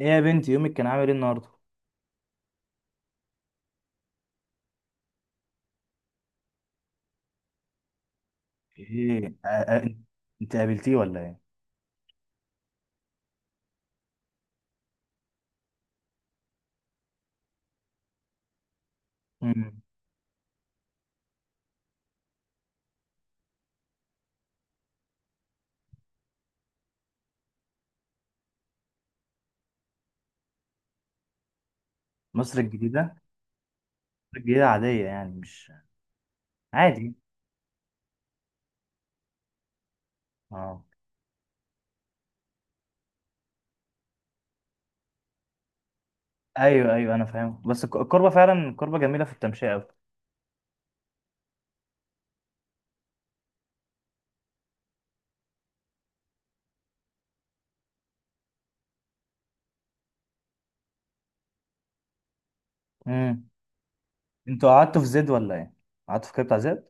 ايه يا بنتي، يومك كان عامل ايه النهارده؟ ايه، آه، آه. انت قابلتيه ولا ايه؟ مم. مصر الجديدة؟ مصر الجديدة عادية يعني مش عادي. اه. ايوه ايوه، انا فاهم. بس الكوربة فعلا الكوربة جميلة في التمشية اوي. مم. انتوا قعدتوا في زد ولا ايه؟ قعدتوا في كده بتاع زد؟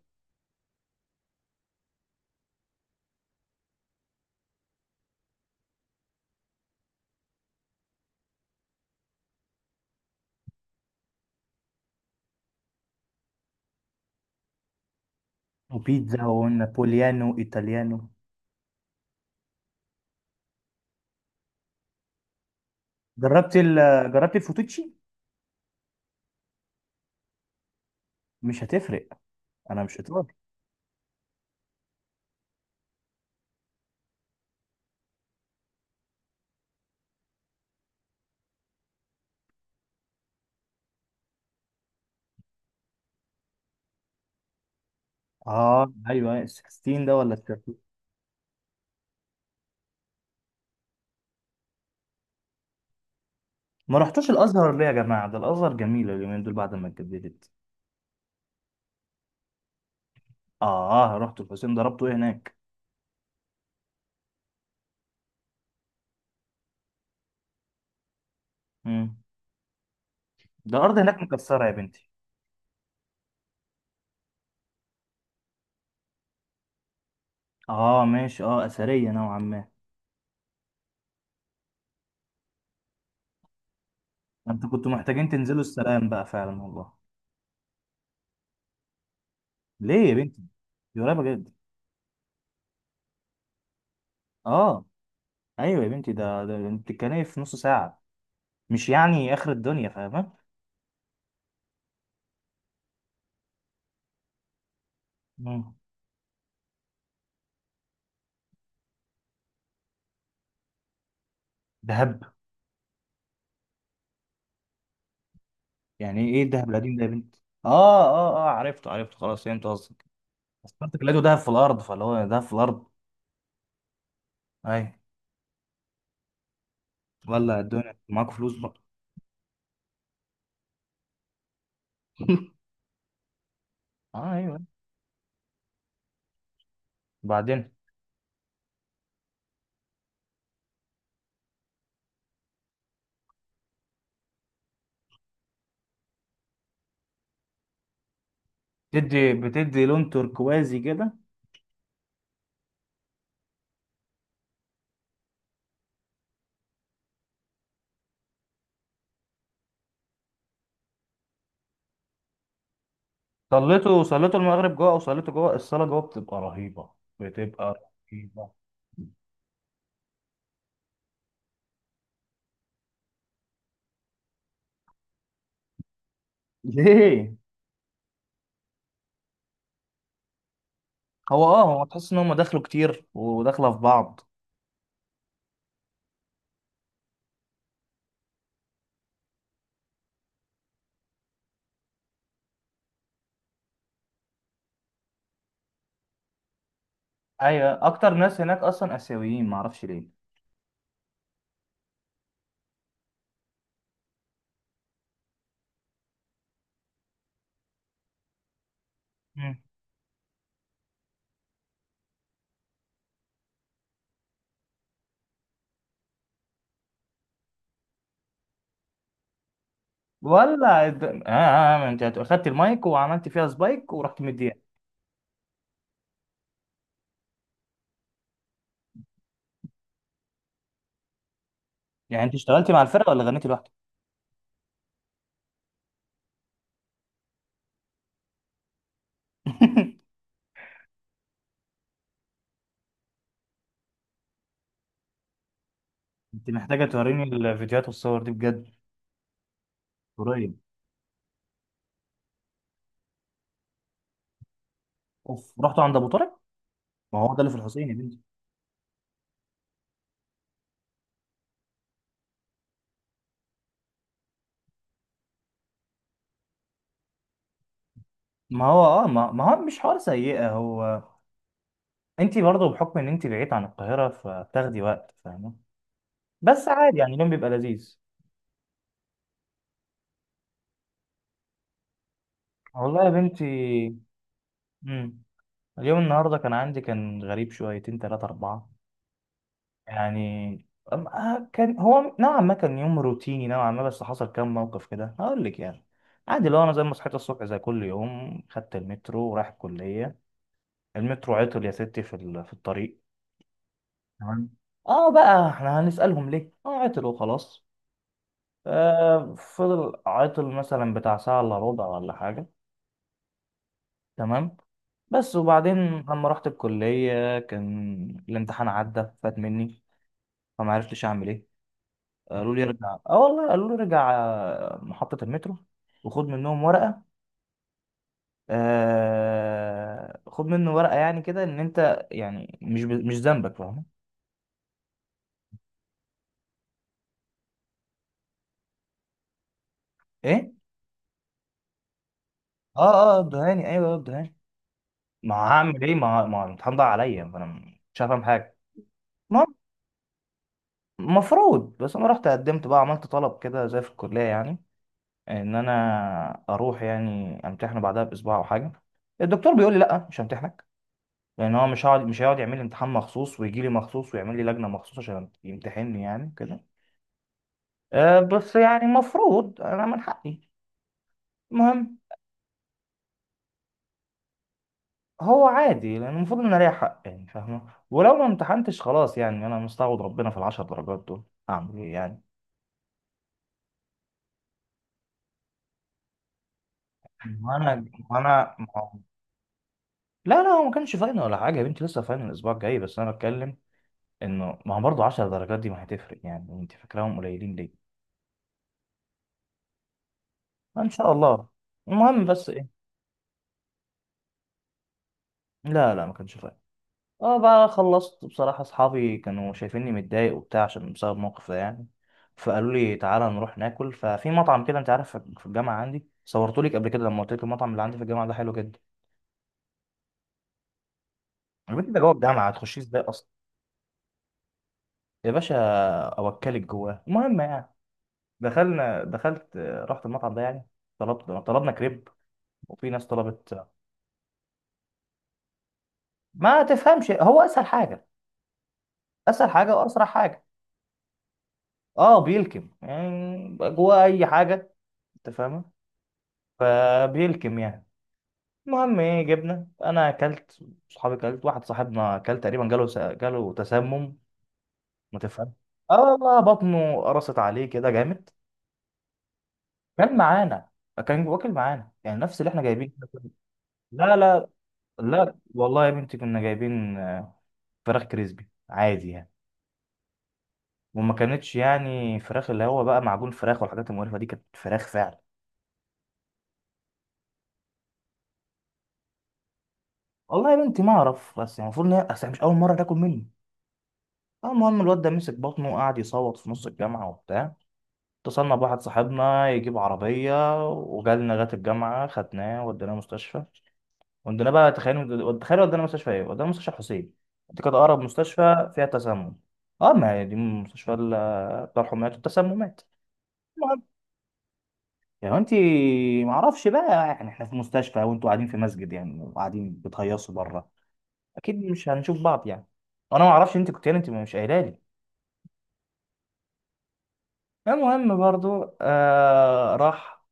وبيتزا ونابوليانو ايطاليانو. جربتي ال جربتي الفوتوتشي؟ مش هتفرق، انا مش ايطالي. اه ايوه، ال 16 ده ولا ال 13؟ ما رحتوش الازهر ليه يا جماعة؟ ده الازهر جميلة اليومين دول بعد ما اتجددت. اه رحت الحسين، ضربته ايه هناك؟ مم. ده الارض هناك مكسره يا بنتي. اه ماشي، اه اثريه نوعا ما. انت كنت محتاجين تنزلوا السلام بقى فعلا والله. ليه يا بنتي؟ دي قريبه جدا. اه. ايوه يا بنتي، ده انت بتتكلمي في نص ساعه، مش يعني اخر الدنيا فاهمه. مم. دهب يعني ايه الدهب القديم ده يا بنتي اه اه اه عرفته عرفته خلاص فهمت قصدك بس انت لقيته دهب في الارض فاللي هو دهب في الارض ايوه ولا الدنيا معاكوا فلوس بقى اه ايوه بعدين بتدي بتدي لون تركوازي كده صليته صليته المغرب جوه او صليته جوه الصلاه جوه بتبقى رهيبه بتبقى رهيبه ليه هو اه هو تحس ان هم دخلوا كتير وداخله في بعض ايوه اكتر ناس هناك اصلا اسيويين معرفش ليه مم. ولا الد- اه آه، آه، انت اخدت المايك وعملت فيها سبايك ورحت مديها. يعني انت اشتغلتي مع الفرقه ولا غنيتي لوحدك؟ انت محتاجه توريني الفيديوهات والصور دي بجد. قريب. اوف، رحتوا عند ابو طارق. ما هو ده اللي في الحسين. ما هو مش حوار سيئة هو. انت برضه بحكم ان انت بعيد عن القاهرة فبتاخدي وقت فاهمة. بس عادي يعني، اليوم بيبقى لذيذ. والله يا بنتي. مم. اليوم النهاردة كان عندي كان غريب شويتين تلاتة أربعة. يعني كان هو نوعا ما كان يوم روتيني نوعا ما، بس حصل كام موقف كده هقول لك يعني. عادي، لو انا زي ما صحيت الصبح زي كل يوم خدت المترو ورايح الكلية. المترو عطل يا ستي في الطريق. تمام. اه بقى احنا هنسألهم ليه اه عطل وخلاص. فضل عاطل مثلا بتاع ساعة إلا ربع ولا حاجة. تمام. بس وبعدين لما رحت الكلية كان الامتحان عدى فات مني. فما عرفتش أعمل إيه. قالوا لي ارجع، آه والله، قالوا لي ارجع محطة المترو، وخد منهم ورقة. خد منه ورقة يعني كده، إن أنت يعني مش ذنبك، فاهم؟ إيه؟ الدهاني، أيوه الدهاني. ما هعمل إيه، ما الامتحان ضاع عليا فأنا مش هفهم حاجة. مفروض، بس انا رحت قدمت بقى، عملت طلب كده زي في الكليه يعني، ان انا اروح يعني امتحنه بعدها باسبوع او حاجه. الدكتور بيقول لي لا، مش همتحنك، لان هو مش هيقعد يعمل لي امتحان مخصوص ويجي لي مخصوص ويعمل لي لجنه مخصوص عشان يمتحنني يعني كده. بس يعني مفروض انا من حقي. المهم. هو عادي لان المفروض ان انا ليا حق يعني، فاهمه. ولو ما امتحنتش خلاص، يعني انا مستعوض ربنا في العشر درجات دول. اعمل ايه يعني؟ ما انا ما انا لا لا، هو ما كانش فاينل ولا حاجه يا بنتي، لسه فاينل الاسبوع الجاي. بس انا بتكلم انه ما هو برضه 10 درجات دي ما هتفرق، يعني انت فاكراهم قليلين ليه؟ ما ان شاء الله. المهم بس ايه. لا لا، ما كانش فاينل. اه بقى خلصت بصراحه، اصحابي كانوا شايفيني متضايق وبتاع عشان بسبب موقف ده يعني، فقالوا لي تعالى نروح ناكل. ففي مطعم كده انت عارف في الجامعه، عندي صورته لك قبل كده لما قلت لك المطعم اللي عندي في الجامعه ده حلو جدا. يا بنتي ده جوه الجامعه، هتخشيه ازاي اصلا؟ يا باشا، اوكلك جواه. المهم يعني، دخلنا دخلت رحت المطعم ده يعني، طلبت طلبنا كريب، وفي ناس طلبت. ما تفهمش، هو اسهل حاجه، اسهل حاجه واسرع حاجه. اه بيلكم يعني جواه اي حاجه، انت فاهمه، فبيلكم يعني. المهم ايه، جبنا، انا اكلت، صحابي اكلت، واحد صاحبنا اكل تقريبا، جاله تسمم. ما تفهم. اه والله، بطنه قرصت عليه كده جامد. كان معانا، كان واكل معانا يعني نفس اللي احنا جايبين. لا لا لا والله يا بنتي، كنا جايبين فراخ كريسبي عادي يعني، وما كانتش يعني فراخ اللي هو بقى معجون فراخ والحاجات المقرفه دي، كانت فراخ فعلا. والله يا بنتي ما اعرف، بس يعني المفروض ان هي، اصل هي مش اول مره تاكل مني. المهم الواد ده مسك بطنه وقعد يصوت في نص الجامعه وبتاع. اتصلنا بواحد صاحبنا يجيب عربيه وجالنا لغايه الجامعه، خدناه وديناه مستشفى. وديناه بقى، تخيل تخيل، ودينا مستشفى حسين. دي كانت اقرب مستشفى فيها تسمم. اه ما هي دي مستشفى بتاع الحميات والتسممات. يعني انت، ما اعرفش بقى، يعني احنا في مستشفى وانتوا قاعدين في مسجد يعني، وقاعدين بتهيصوا بره، اكيد مش هنشوف بعض يعني. وانا ما اعرفش، انت كنت يعني، انت مش قايله لي. المهم برضو، راح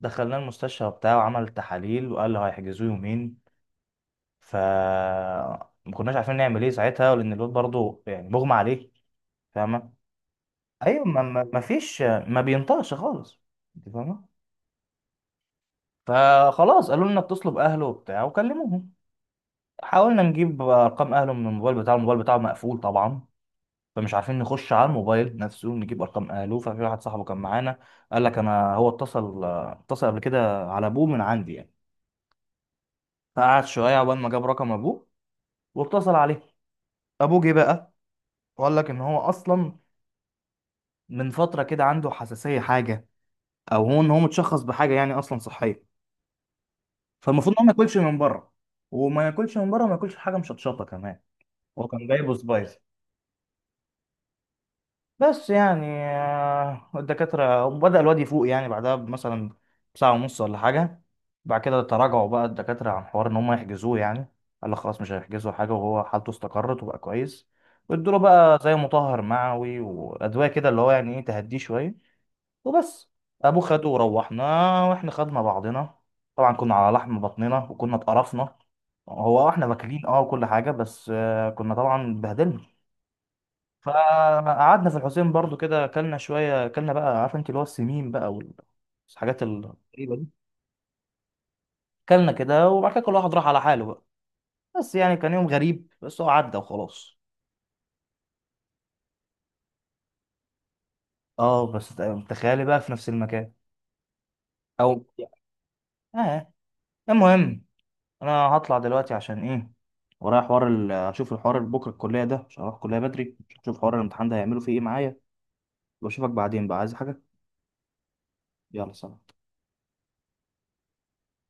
دخلنا المستشفى بتاعه وعمل تحاليل وقال له هيحجزوه يومين. ف ما كناش عارفين نعمل ايه ساعتها لان الواد برضو يعني مغمى عليه، فاهمه. ايوه، ما فيش، ما بينطقش خالص، انت فاهمه. فخلاص قالوا لنا اتصلوا باهله وبتاع وكلموهم. حاولنا نجيب ارقام اهله من الموبايل بتاعه، الموبايل بتاعه مقفول طبعا، فمش عارفين نخش على الموبايل نفسه نجيب ارقام اهله. ففي واحد صاحبه كان معانا قال لك انا هو اتصل قبل كده على ابوه من عندي يعني، فقعد شويه عقبال ما جاب رقم ابوه واتصل عليه. ابوه جه بقى وقال لك ان هو اصلا من فتره كده عنده حساسيه حاجه، او هو ان هو متشخص بحاجه يعني اصلا صحيه، فالمفروض ان هو ما ياكلش من بره، وما ياكلش حاجه مشطشطه كمان. هو كان جايبه سبايس بس يعني. الدكاترة بدأ الواد يفوق يعني بعدها مثلا بساعة ونص ولا حاجة. بعد كده تراجعوا بقى الدكاترة عن حوار إن هم يحجزوه يعني، قال لك خلاص مش هيحجزوا حاجة وهو حالته استقرت وبقى كويس، وادوله بقى زي مطهر معوي وأدوية كده اللي هو يعني إيه تهديه شوية وبس. أبوه خده وروحنا وإحنا خدنا بعضنا. طبعا كنا على لحم بطننا وكنا اتقرفنا، هو احنا واكلين اه وكل حاجة، بس كنا طبعا اتبهدلنا. فقعدنا في الحسين برضو كده، اكلنا شويه، اكلنا بقى عارف انت اللي هو السمين بقى والحاجات الغريبه دي. اكلنا كده وبعد كده كل واحد راح على حاله بقى. بس يعني كان يوم غريب، بس هو عدى وخلاص. اه بس تخيلي بقى في نفس المكان. او اه. المهم انا هطلع دلوقتي عشان ايه، ورايا حوار اشوف الحوار اللي بكره الكليه ده، عشان اروح الكليه بدري اشوف حوار الامتحان ده هيعملوا فيه ايه معايا، واشوفك بعدين بقى عايز حاجه. يلا سلام.